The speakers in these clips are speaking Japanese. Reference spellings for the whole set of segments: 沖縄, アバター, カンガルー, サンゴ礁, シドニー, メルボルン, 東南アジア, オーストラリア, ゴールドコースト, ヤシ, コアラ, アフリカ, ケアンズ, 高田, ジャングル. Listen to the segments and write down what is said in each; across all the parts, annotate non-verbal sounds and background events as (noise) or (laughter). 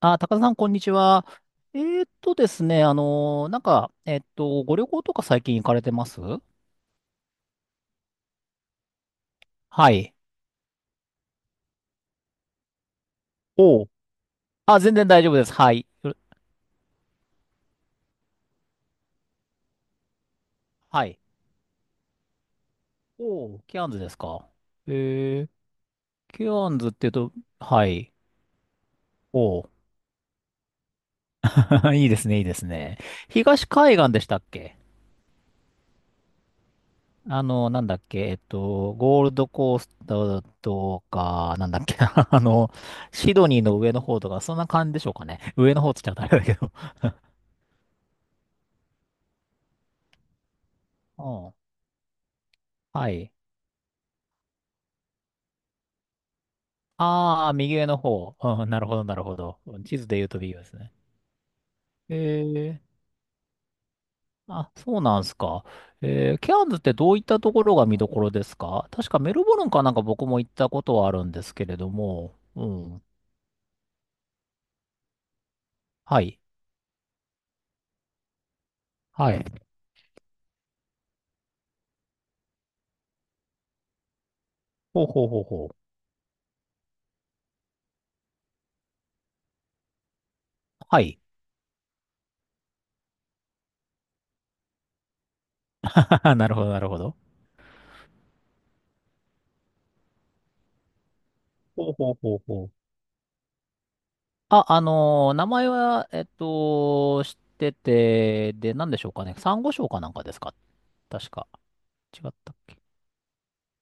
あ、高田さん、こんにちは。ですね、ご旅行とか最近行かれてます？はい。おう。あ、全然大丈夫です。はい。よはい。おう、ケアンズですか。えー、ケアンズっていうと、はい。おう。(laughs) いいですね、いいですね。東海岸でしたっけ？なんだっけ、ゴールドコーストとか、なんだっけ、(laughs) シドニーの上の方とか、そんな感じでしょうかね。上の方って言っちゃうとあれだけど。うん。はい。ああ、右上の方。(laughs) うん、なるほど、なるほど。うん、地図で言うと右上ですね。ええ、あ、そうなんすか。ケアンズってどういったところが見どころですか？確かメルボルンかなんか僕も行ったことはあるんですけれども。うん。はい。はい。ほうほうほうほう。はい。(laughs) なるほど、なるほど。ほうほうほうほう。あ、名前は、知ってて、で、なんでしょうかね。サンゴ礁かなんかですか？確か。違ったっけ？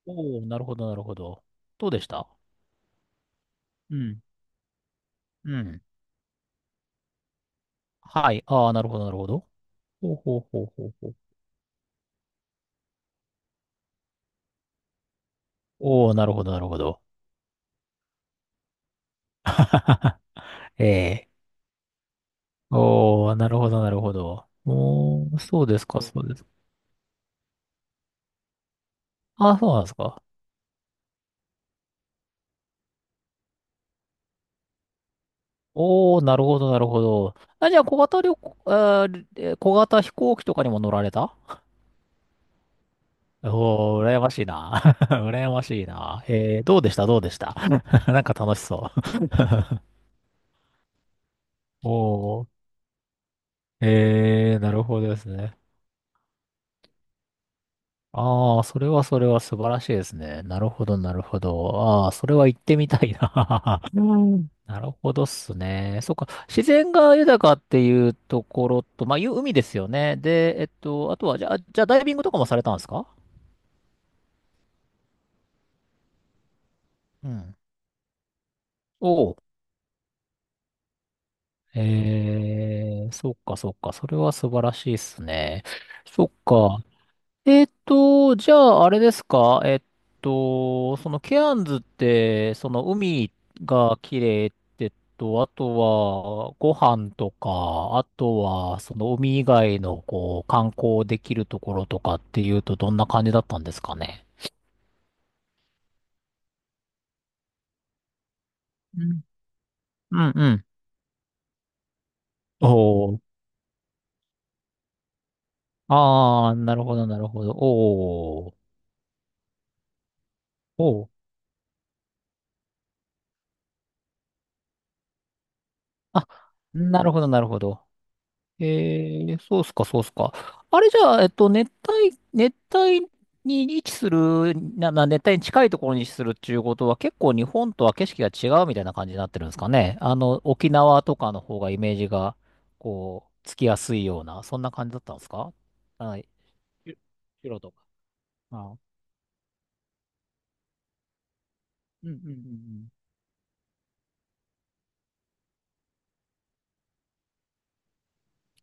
おおー、なるほど、なるほど。どうでした？うん。うん。はい。ああ、なるほど、なるほど。ほうほうほうほうほう。おお、なるほど、なるほど。(laughs) ええ。おお、なるほど、なるほど。おお、そうですか、そうですか。あ、そうなんですか。おお、なるほど、なるほど。あ、じゃあ、小型旅行、あー、え小型飛行機とかにも乗られた？おおー、羨ましいな。(laughs) 羨ましいな。どうでした、どうでした。(laughs) なんか楽しそう。おお、ええ、なるほどですね。ああ、それはそれは素晴らしいですね。なるほど、なるほど。ああ、それは行ってみたいな。(laughs) うん、なるほどっすね。そっか。自然が豊かっていうところと、まあ、いう海ですよね。で、あとは、じゃあ、ダイビングとかもされたんですか？うん。おう。そっかそっか。それは素晴らしいっすね。そっか。じゃあ、あれですか？そのケアンズって、その海が綺麗ってと、あとはご飯とか、あとはその海以外のこう観光できるところとかっていうとどんな感じだったんですかね？うん、うんうん。おー。あー、なるほど、なるほど。おー。おー。あ、なるほど、なるほど。そうっすか、そうっすか。あれじゃあ、熱帯に位置する、まあ、熱帯に近いところに位置するっていうことは、結構日本とは景色が違うみたいな感じになってるんですかね。沖縄とかの方がイメージが、こう、つきやすいような、そんな感じだったんですか？はい。ひとか。ああ。うんうんうんうん。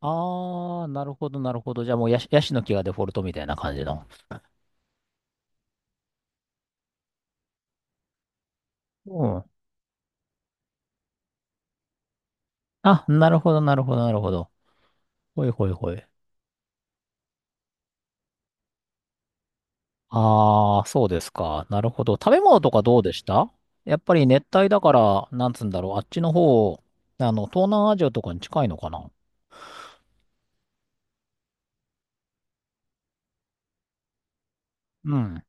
ああ、なるほど、なるほど。じゃあもうヤシの木がデフォルトみたいな感じの。うん。あ、なるほど、なるほど、なるほど。ほいほいほい。ああ、そうですか。なるほど。食べ物とかどうでした？やっぱり熱帯だから、なんつうんだろう。あっちの方、東南アジアとかに近いのかな？うん。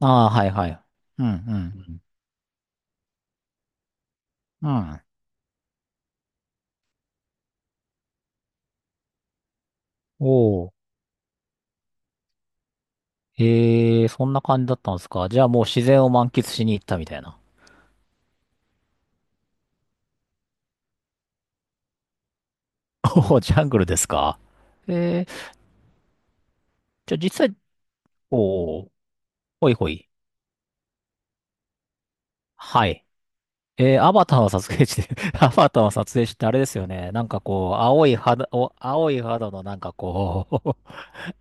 ああ、はいはい。うん、うん、うん。うん。おお。ええ、そんな感じだったんですか？じゃあもう自然を満喫しに行ったみたいな。(laughs) おお、ジャングルですか。ええ、じゃあ実際、おお、ほいほい。はい。アバターの撮影地で？ (laughs) アバターの撮影地ってあれですよね。なんかこう、青い肌のなんかこう、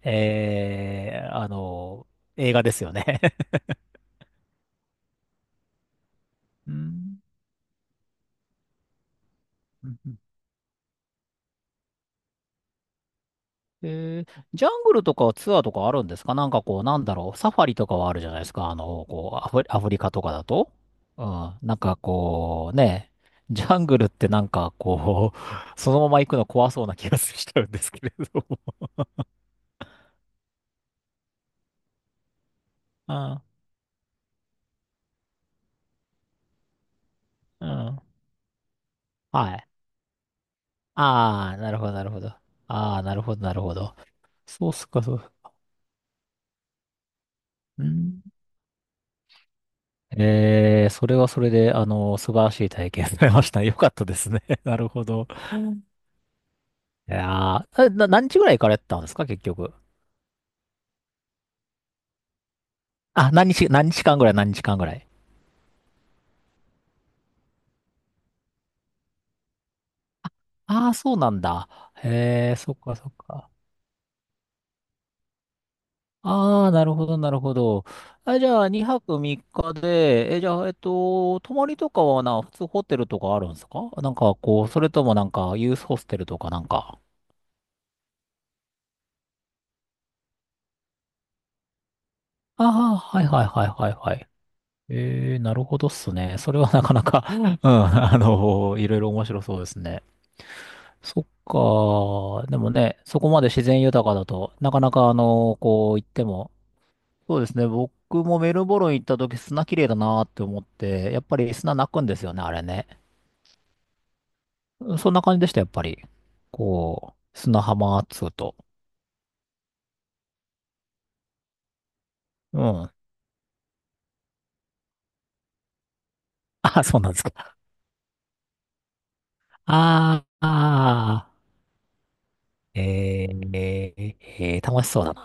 (laughs) えーあの、映画ですよね？ (laughs) うん。うんうん。えージャングルとかツアーとかあるんですか？なんかこう、なんだろう、サファリとかはあるじゃないですか。こう、アフリカとかだと。うん、なんかこう、ね、ジャングルってなんかこう、そのまま行くの怖そうな気がしちゃうんですけれども。うん、うん。はい。ああ、なるほど、なるほど。ああ、なるほど、なるほど。そうっすか、そう。うん。ええ、それはそれで、素晴らしい体験されました。(laughs) よかったですね。(laughs) なるほど。いやー、何日ぐらい行かれてたんですか、結局。あ、何日間ぐらい。ああ、そうなんだ。へえ、そっか、そっか。ああ、なるほど、なるほど。あ、じゃあ、2泊3日で、じゃあ、泊まりとかはな、普通ホテルとかあるんですか？なんか、こう、それともなんか、ユースホステルとかなんか。ああ、はいはいはいはいはい。ええ、なるほどっすね。それはなかなか、うん、(laughs) いろいろ面白そうですね。そっか。でもね、そこまで自然豊かだとなかなか、こう行っても。そうですね。僕もメルボルン行った時砂綺麗だなって思って、やっぱり砂泣くんですよね、あれね。そんな感じでした、やっぱり。こう、砂浜っつうと。うん。あ、そうなんですか。ああ、ああ。楽しそうだな。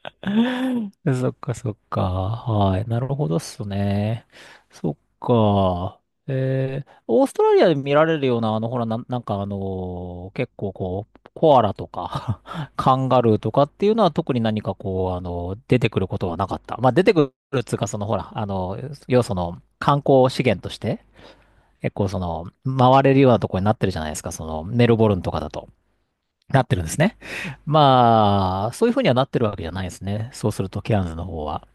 (laughs) そっかそっか。はい。なるほどっすね。そっか。オーストラリアで見られるような、ほら、なんか結構こう、コアラとか (laughs) カンガルーとかっていうのは特に何かこう、あの出てくることはなかった。まあ、出てくるっつうか、そのほら、要はその、観光資源として、結構その、回れるようなとこになってるじゃないですか、その、メルボルンとかだと。なってるんですね。まあ、そういう風にはなってるわけじゃないですね。そうすると、ケアンズの方は。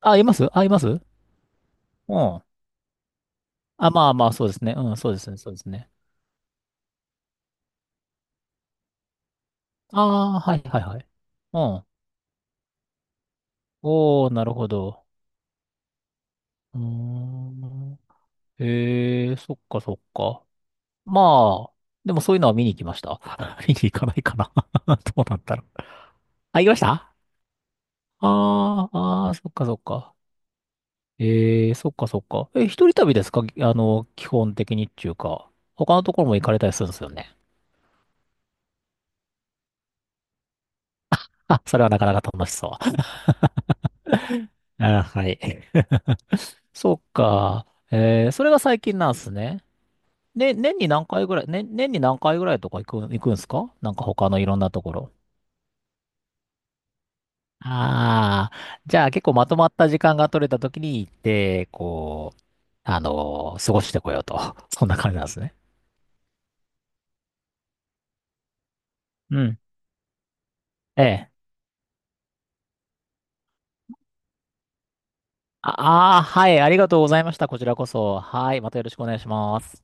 あ、いますあ、います。うん。あ、まあまあ、そうですね。うん、そうですね、そうですね。ああ、はいはいはい。うん。おー、なるほど。うーん。へえ、そっかそっか。まあ、でもそういうのは見に行きました？(laughs) 見に行かないかな。(laughs) どうなんだろう。あ、行きました？ああー、あーそっかそっか。ええーそっかそっか。え、一人旅ですか？基本的にっていうか、他のところも行かれたりするんですよね。(laughs) あ、それはなかなか楽しそう。(laughs) あ、はい。そっか。それが最近なんですね。ね、年に何回ぐらいとか行くんですか？なんか他のいろんなところ。ああ、じゃあ結構まとまった時間が取れた時に行って、こう、過ごしてこようと。(laughs) そんな感じなんですね。うん。ええ。ああー、はい、ありがとうございました。こちらこそ。はい、またよろしくお願いします。